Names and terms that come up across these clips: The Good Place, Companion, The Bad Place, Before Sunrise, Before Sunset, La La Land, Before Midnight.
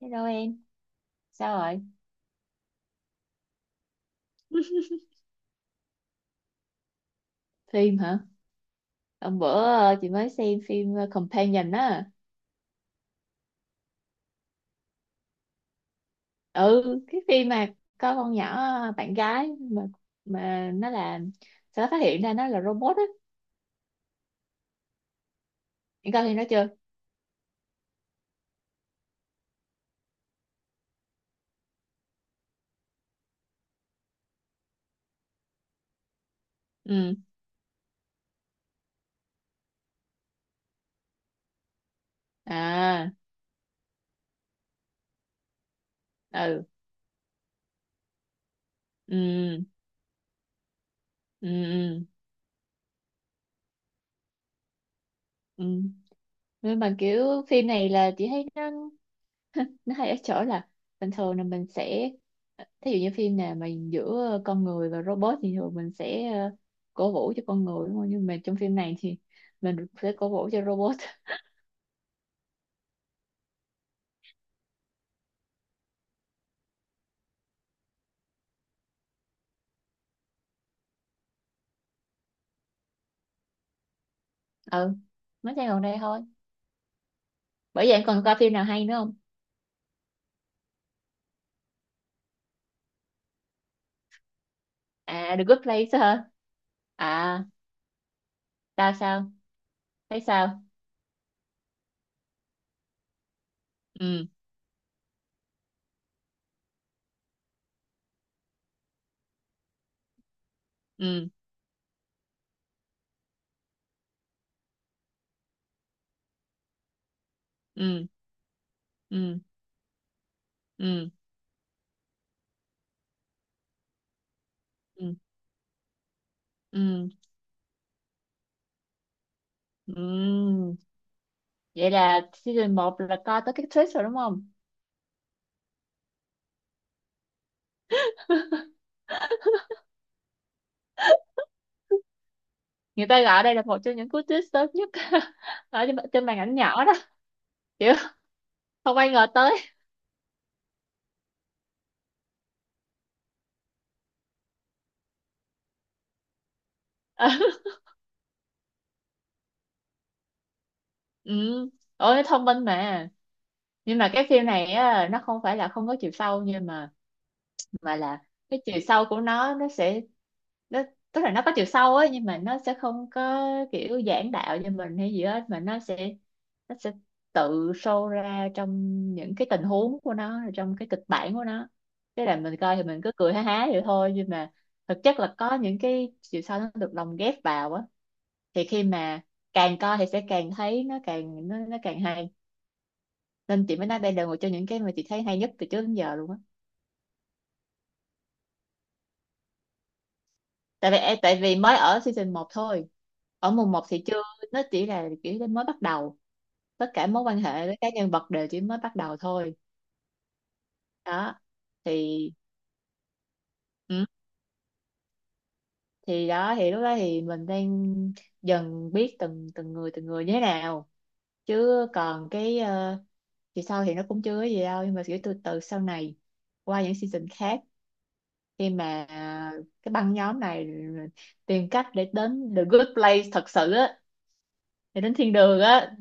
Hello em, sao rồi? Phim hả? Hôm bữa chị mới xem phim Companion á. Ừ, cái phim mà có con nhỏ bạn gái mà nó là sẽ phát hiện ra nó là robot á. Em coi phim đó chưa? Ừ. À, ừ. Ừ. Ừ. Ừ. Ừ. Nhưng mà kiểu phim này là chị thấy nó hay ở chỗ là bình thường là mình sẽ thí dụ như phim nào mà giữa con người và robot thì thường mình sẽ cổ vũ cho con người đúng không, nhưng mà trong phim này thì mình sẽ cổ vũ cho robot. Ừ, mới xem gần đây thôi. Bởi vậy em còn coi phim nào hay nữa không? À, The Good Place hả? À, tao sao, thấy sao? Ừ. Ừ. Ừ. Ừ. Ừ. Ừ. Ừ. Ừ. Vậy là season một là coi tới cái twist rồi đúng không? Người ta gọi đây là một trong những cú twist sớm nhất ở trên màn ảnh nhỏ đó, kiểu không ai ngờ tới. Ừ, ôi thông minh mà. Nhưng mà cái phim này á, nó không phải là không có chiều sâu nhưng mà là cái chiều sâu của nó sẽ nó tức là nó có chiều sâu ấy, nhưng mà nó sẽ không có kiểu giảng đạo cho mình hay gì hết, mà nó sẽ tự show ra trong những cái tình huống của nó rồi trong cái kịch bản của nó. Thế là mình coi thì mình cứ cười ha há vậy thôi, nhưng mà thực chất là có những cái chiều sâu nó được lồng ghép vào á. Thì khi mà càng coi thì sẽ càng thấy nó càng hay, nên chị mới nói đây là một trong những cái mà chị thấy hay nhất từ trước đến giờ luôn á. Tại vì mới ở season một thôi. Ở mùa một thì chưa, nó chỉ là kiểu nó mới bắt đầu, tất cả mối quan hệ với các nhân vật đều chỉ mới bắt đầu thôi. Đó thì ừ, thì đó thì lúc đó thì mình đang dần biết từng từng người người như thế nào, chứ còn cái thì sau thì nó cũng chưa có gì đâu, nhưng mà kiểu từ từ sau này qua những season khác, khi mà cái băng nhóm này tìm cách để đến the good place thật sự á, thì đến thiên đường á.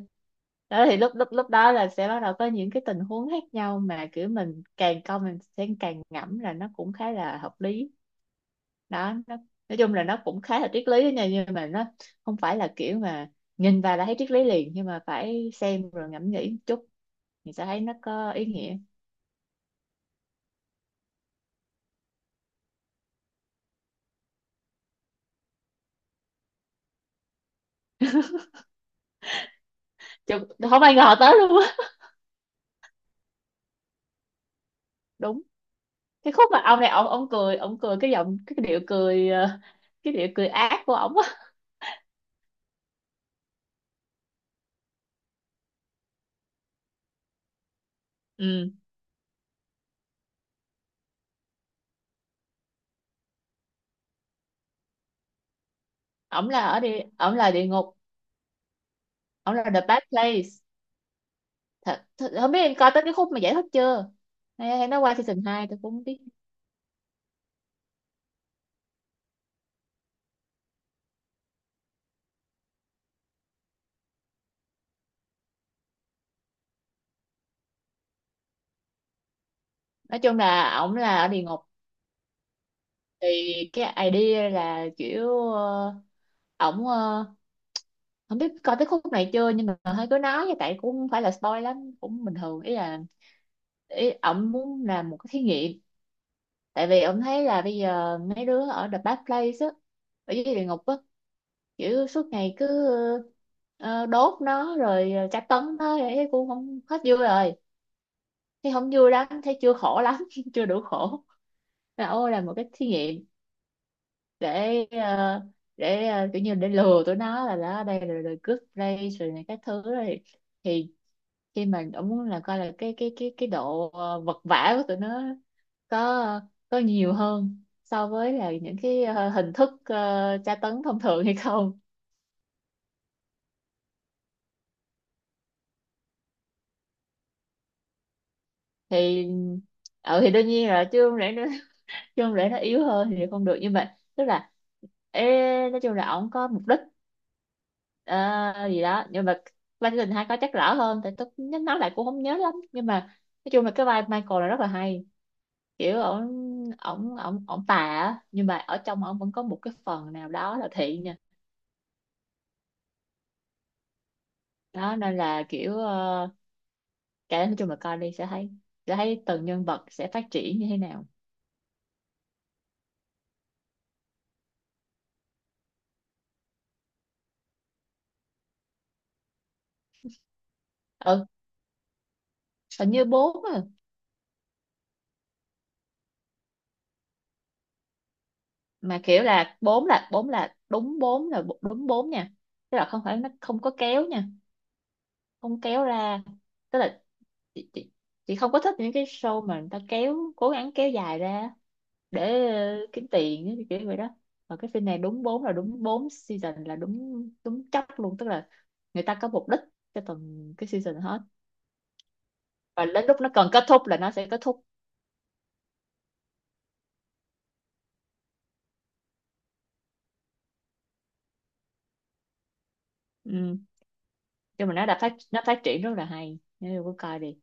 Đó thì lúc lúc lúc đó là sẽ bắt đầu có những cái tình huống khác nhau mà kiểu mình càng coi mình sẽ càng ngẫm là nó cũng khá là hợp lý. Đó nó, nói chung là nó cũng khá là triết lý đó nha, nhưng mà nó không phải là kiểu mà nhìn vào là thấy triết lý liền, nhưng mà phải xem rồi ngẫm nghĩ một chút thì sẽ thấy nó có ý nghĩa. Chứ không ai ngờ tới luôn á. Đúng, cái khúc mà ông này ông cười cười cái giọng cái điệu cười cái điệu cười ác của ổng á. Ừ, ổng là ở đi, ổng là địa ngục, ổng là The Bad Place. Thật, thật không biết em coi tới cái khúc mà giải thích chưa, hay, hay nó qua season hai tôi cũng không biết. Nói chung là ổng là ở địa ngục. Thì cái idea là kiểu ổng không biết coi tới khúc này chưa nhưng mà hơi cứ nói vậy, tại cũng không phải là spoil lắm cũng bình thường, ý là ý ổng muốn làm một cái thí nghiệm. Tại vì ông thấy là bây giờ mấy đứa ở The Bad Place á, ở dưới địa ngục á, kiểu suốt ngày cứ đốt nó rồi tra tấn nó thế cũng không hết vui rồi, thấy không vui lắm, thấy chưa khổ lắm, chưa đủ khổ, là ô là một cái thí nghiệm để ờ, để kiểu như để lừa tụi nó là đó đây là đời cướp đây rồi này các thứ rồi. Thì khi mà ông muốn là coi là cái độ vật vã của tụi nó có nhiều hơn so với là những cái hình thức tra tấn thông thường hay không. Thì ừ, thì đương nhiên là chứ không lẽ nó chứ không lẽ nó yếu hơn thì không được, nhưng mà tức là ê, nói chung là ổng có mục đích ờ, gì đó, nhưng mà vai tình hai có chắc rõ hơn tại tôi nhớ nói lại cũng không nhớ lắm, nhưng mà nói chung là cái vai Michael là rất là hay, kiểu ổng ổng ổng ổng tà á nhưng mà ở trong ổng vẫn có một cái phần nào đó là thiện nha. Đó nên là kiểu cái nói chung là coi đi sẽ thấy, từng nhân vật sẽ phát triển như thế nào. Ừ, hình như bốn à. Mà kiểu là bốn là bốn là đúng bốn là đúng bốn nha, tức là không phải nó không có kéo nha, không kéo ra, tức là chị, chị, chị không có thích những cái show mà người ta kéo cố gắng kéo dài ra để kiếm tiền ấy, kiểu vậy đó. Và cái phim này đúng bốn là đúng bốn season là đúng đúng chóc luôn, tức là người ta có mục đích cho từng cái season hết, và đến lúc nó cần kết thúc là nó sẽ kết thúc. Ừ. Nhưng mà nó phát triển rất là hay nếu cô coi đi.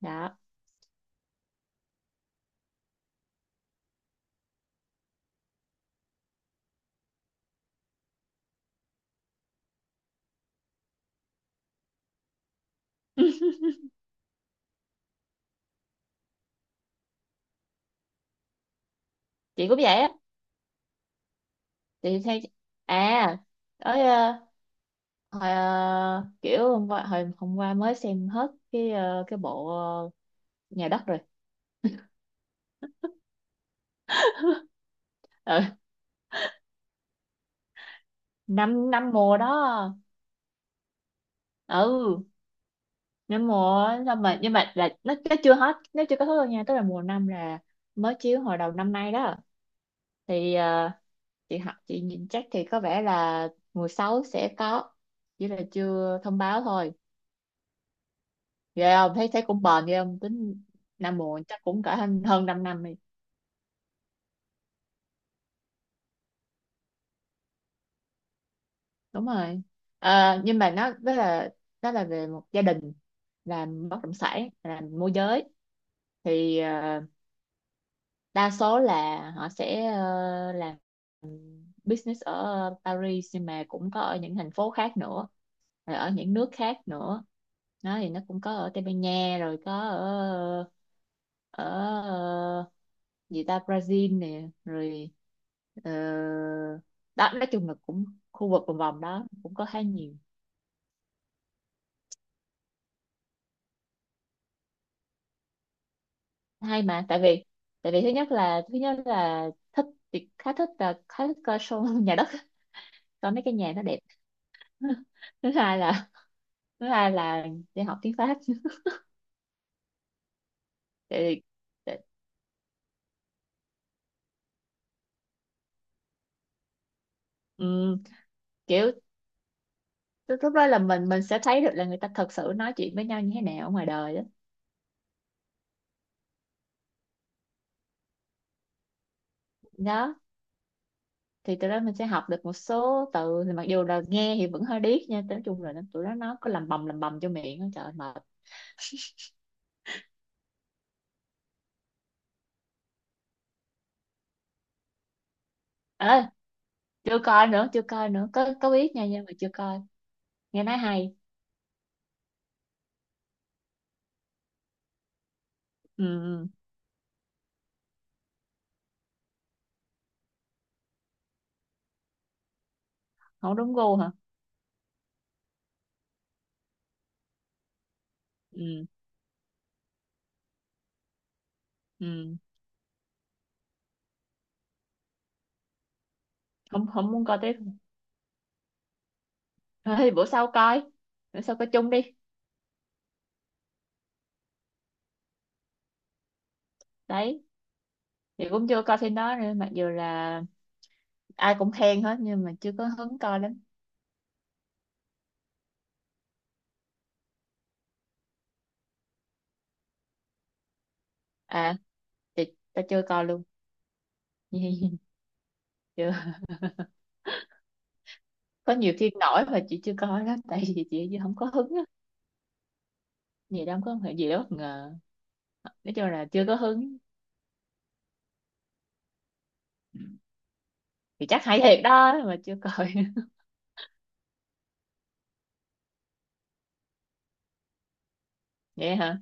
Đó. Chị cũng vậy á. Chị thấy à, ở Hồi, kiểu hôm qua hồi hôm qua mới xem hết cái cái bộ nhà đất rồi. Ừ, năm năm mùa đó. Ừ, năm mùa á, xong mà nhưng mà là nó chưa hết nó chưa kết thúc đâu nha, tức là mùa năm là mới chiếu hồi đầu năm nay đó. Thì chị học chị nhìn chắc thì có vẻ là mùa sáu sẽ có, chỉ là chưa thông báo thôi. Ghê không, thấy thấy cũng bền ghê không tính, năm muộn chắc cũng cả hơn hơn 5 năm đi. Đúng rồi. Ờ, nhưng mà nó đó là về một gia đình làm bất động sản làm môi giới. Thì đa số là họ sẽ làm business ở Paris, nhưng mà cũng có ở những thành phố khác nữa rồi ở những nước khác nữa. Nó thì nó cũng có ở Tây Ban Nha rồi có ở ở ờ, gì ta Brazil nè rồi, ờ, đó nói chung là cũng khu vực vòng vòng đó cũng có khá nhiều. Hay mà tại vì, thứ nhất là thích, thì khá thích coi show nhà đất, coi mấy cái nhà nó đẹp. thứ hai là Thứ hai là đi học tiếng Pháp. Tại vì, ừ, kiểu lúc lúc đó là mình sẽ thấy được là người ta thật sự nói chuyện với nhau như thế nào ở ngoài đời đó. Đó. Thì từ đó mình sẽ học được một số từ, thì mặc dù là nghe thì vẫn hơi điếc nha, nói chung là nó- tụi nó có làm bầm cho miệng á, trời ơi, mệt. Ê, chưa coi nữa có biết nha nhưng mà chưa coi, nghe nói hay. Ừ, ừ. Không đúng gu hả? Ừ, ừ. Không, không muốn coi tiếp. Thôi thì bữa sau coi, bữa sau coi chung đi. Đấy, thì cũng chưa coi phim đó nữa, mặc dù là ai cũng khen hết nhưng mà chưa có hứng coi lắm. À, chị tao chưa coi luôn. Chưa. Có nhiều phim nổi mà chị chưa coi đó tại vì chị không có hứng á, gì đâu có phải gì đó bất ngờ, nói chung là chưa có hứng. Thì chắc hay thiệt đó mà chưa coi. Vậy hả?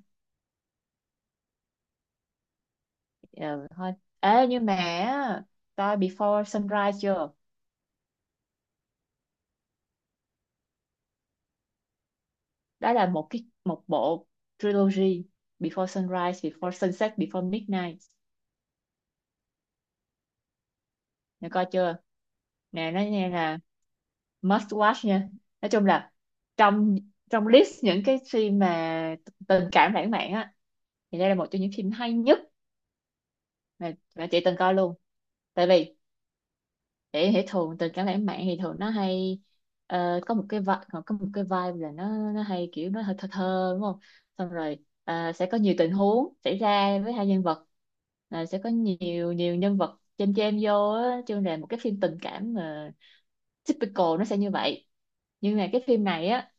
Ờ, thôi, ê nhưng mà á, coi Before Sunrise chưa? Đó là một cái một bộ trilogy: Before Sunrise, Before Sunset, Before Midnight. Nè coi chưa? Nè nó nghe là must watch nha. Nói chung là trong trong list những cái phim mà tình cảm lãng mạn á, thì đây là một trong những phim hay nhất mà chị từng coi luôn. Tại vì để hệ thường tình cảm lãng mạn thì thường nó hay, có một cái vibe, có một cái vibe là nó hay kiểu nó hơi thơ thơ đúng không. Xong rồi sẽ có nhiều tình huống xảy ra với hai nhân vật. Ờ, sẽ có nhiều nhiều nhân vật chêm chêm vô á, chứ là một cái phim tình cảm mà typical nó sẽ như vậy. Nhưng mà cái phim này á,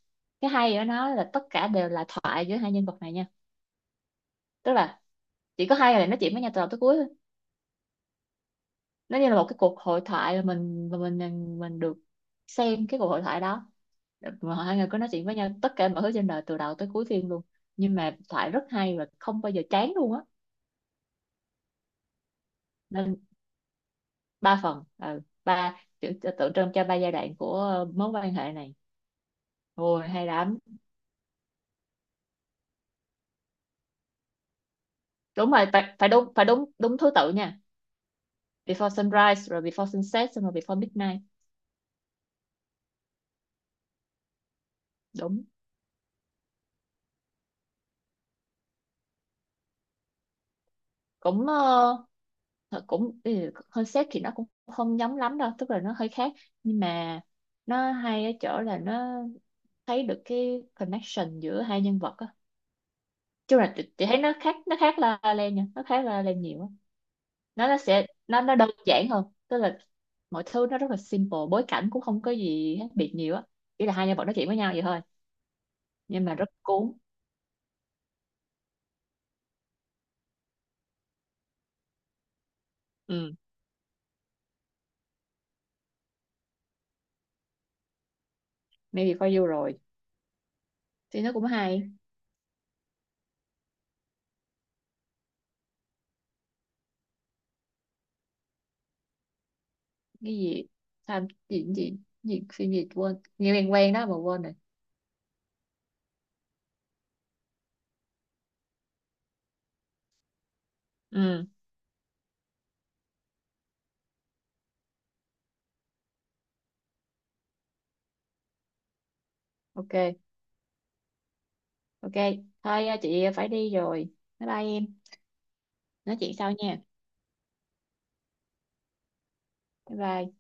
cái hay ở nó là tất cả đều là thoại giữa hai nhân vật này nha, tức là chỉ có hai người này nói chuyện với nhau từ đầu tới cuối thôi. Nó như là một cái cuộc hội thoại là mình được xem cái cuộc hội thoại đó, mà hai người có nói chuyện với nhau tất cả mọi thứ trên đời từ đầu tới cuối phim luôn, nhưng mà thoại rất hay và không bao giờ chán luôn á. Nên ba phần ừ, ba tượng tượng trưng cho ba giai đoạn của mối quan hệ này. Ôi hay lắm. Đúng rồi, phải phải đúng đúng đúng thứ tự nha. Before Sunrise rồi Before Sunset xong rồi Before Midnight. Đúng. Cũng thật cũng ừ, concept thì nó cũng không giống lắm đâu, tức là nó hơi khác, nhưng mà nó hay ở chỗ là nó thấy được cái connection giữa hai nhân vật á. Chung là chị thấy nó khác La La Land nha, nó khác La La Land nhiều á. Nó sẽ nó đơn giản hơn, tức là mọi thứ nó rất là simple, bối cảnh cũng không có gì khác biệt nhiều á, chỉ là hai nhân vật nói chuyện với nhau vậy thôi, nhưng mà rất cuốn. Ừ, maybe for you rồi, thì nó cũng hay. Cái gì? Tham gì gì gì phim gì quên, nghe quen quen đó mà quên rồi. Ừ, ok, ok thôi à, chị phải đi rồi, bye bye em. Nói chuyện sau nha. Bye bye.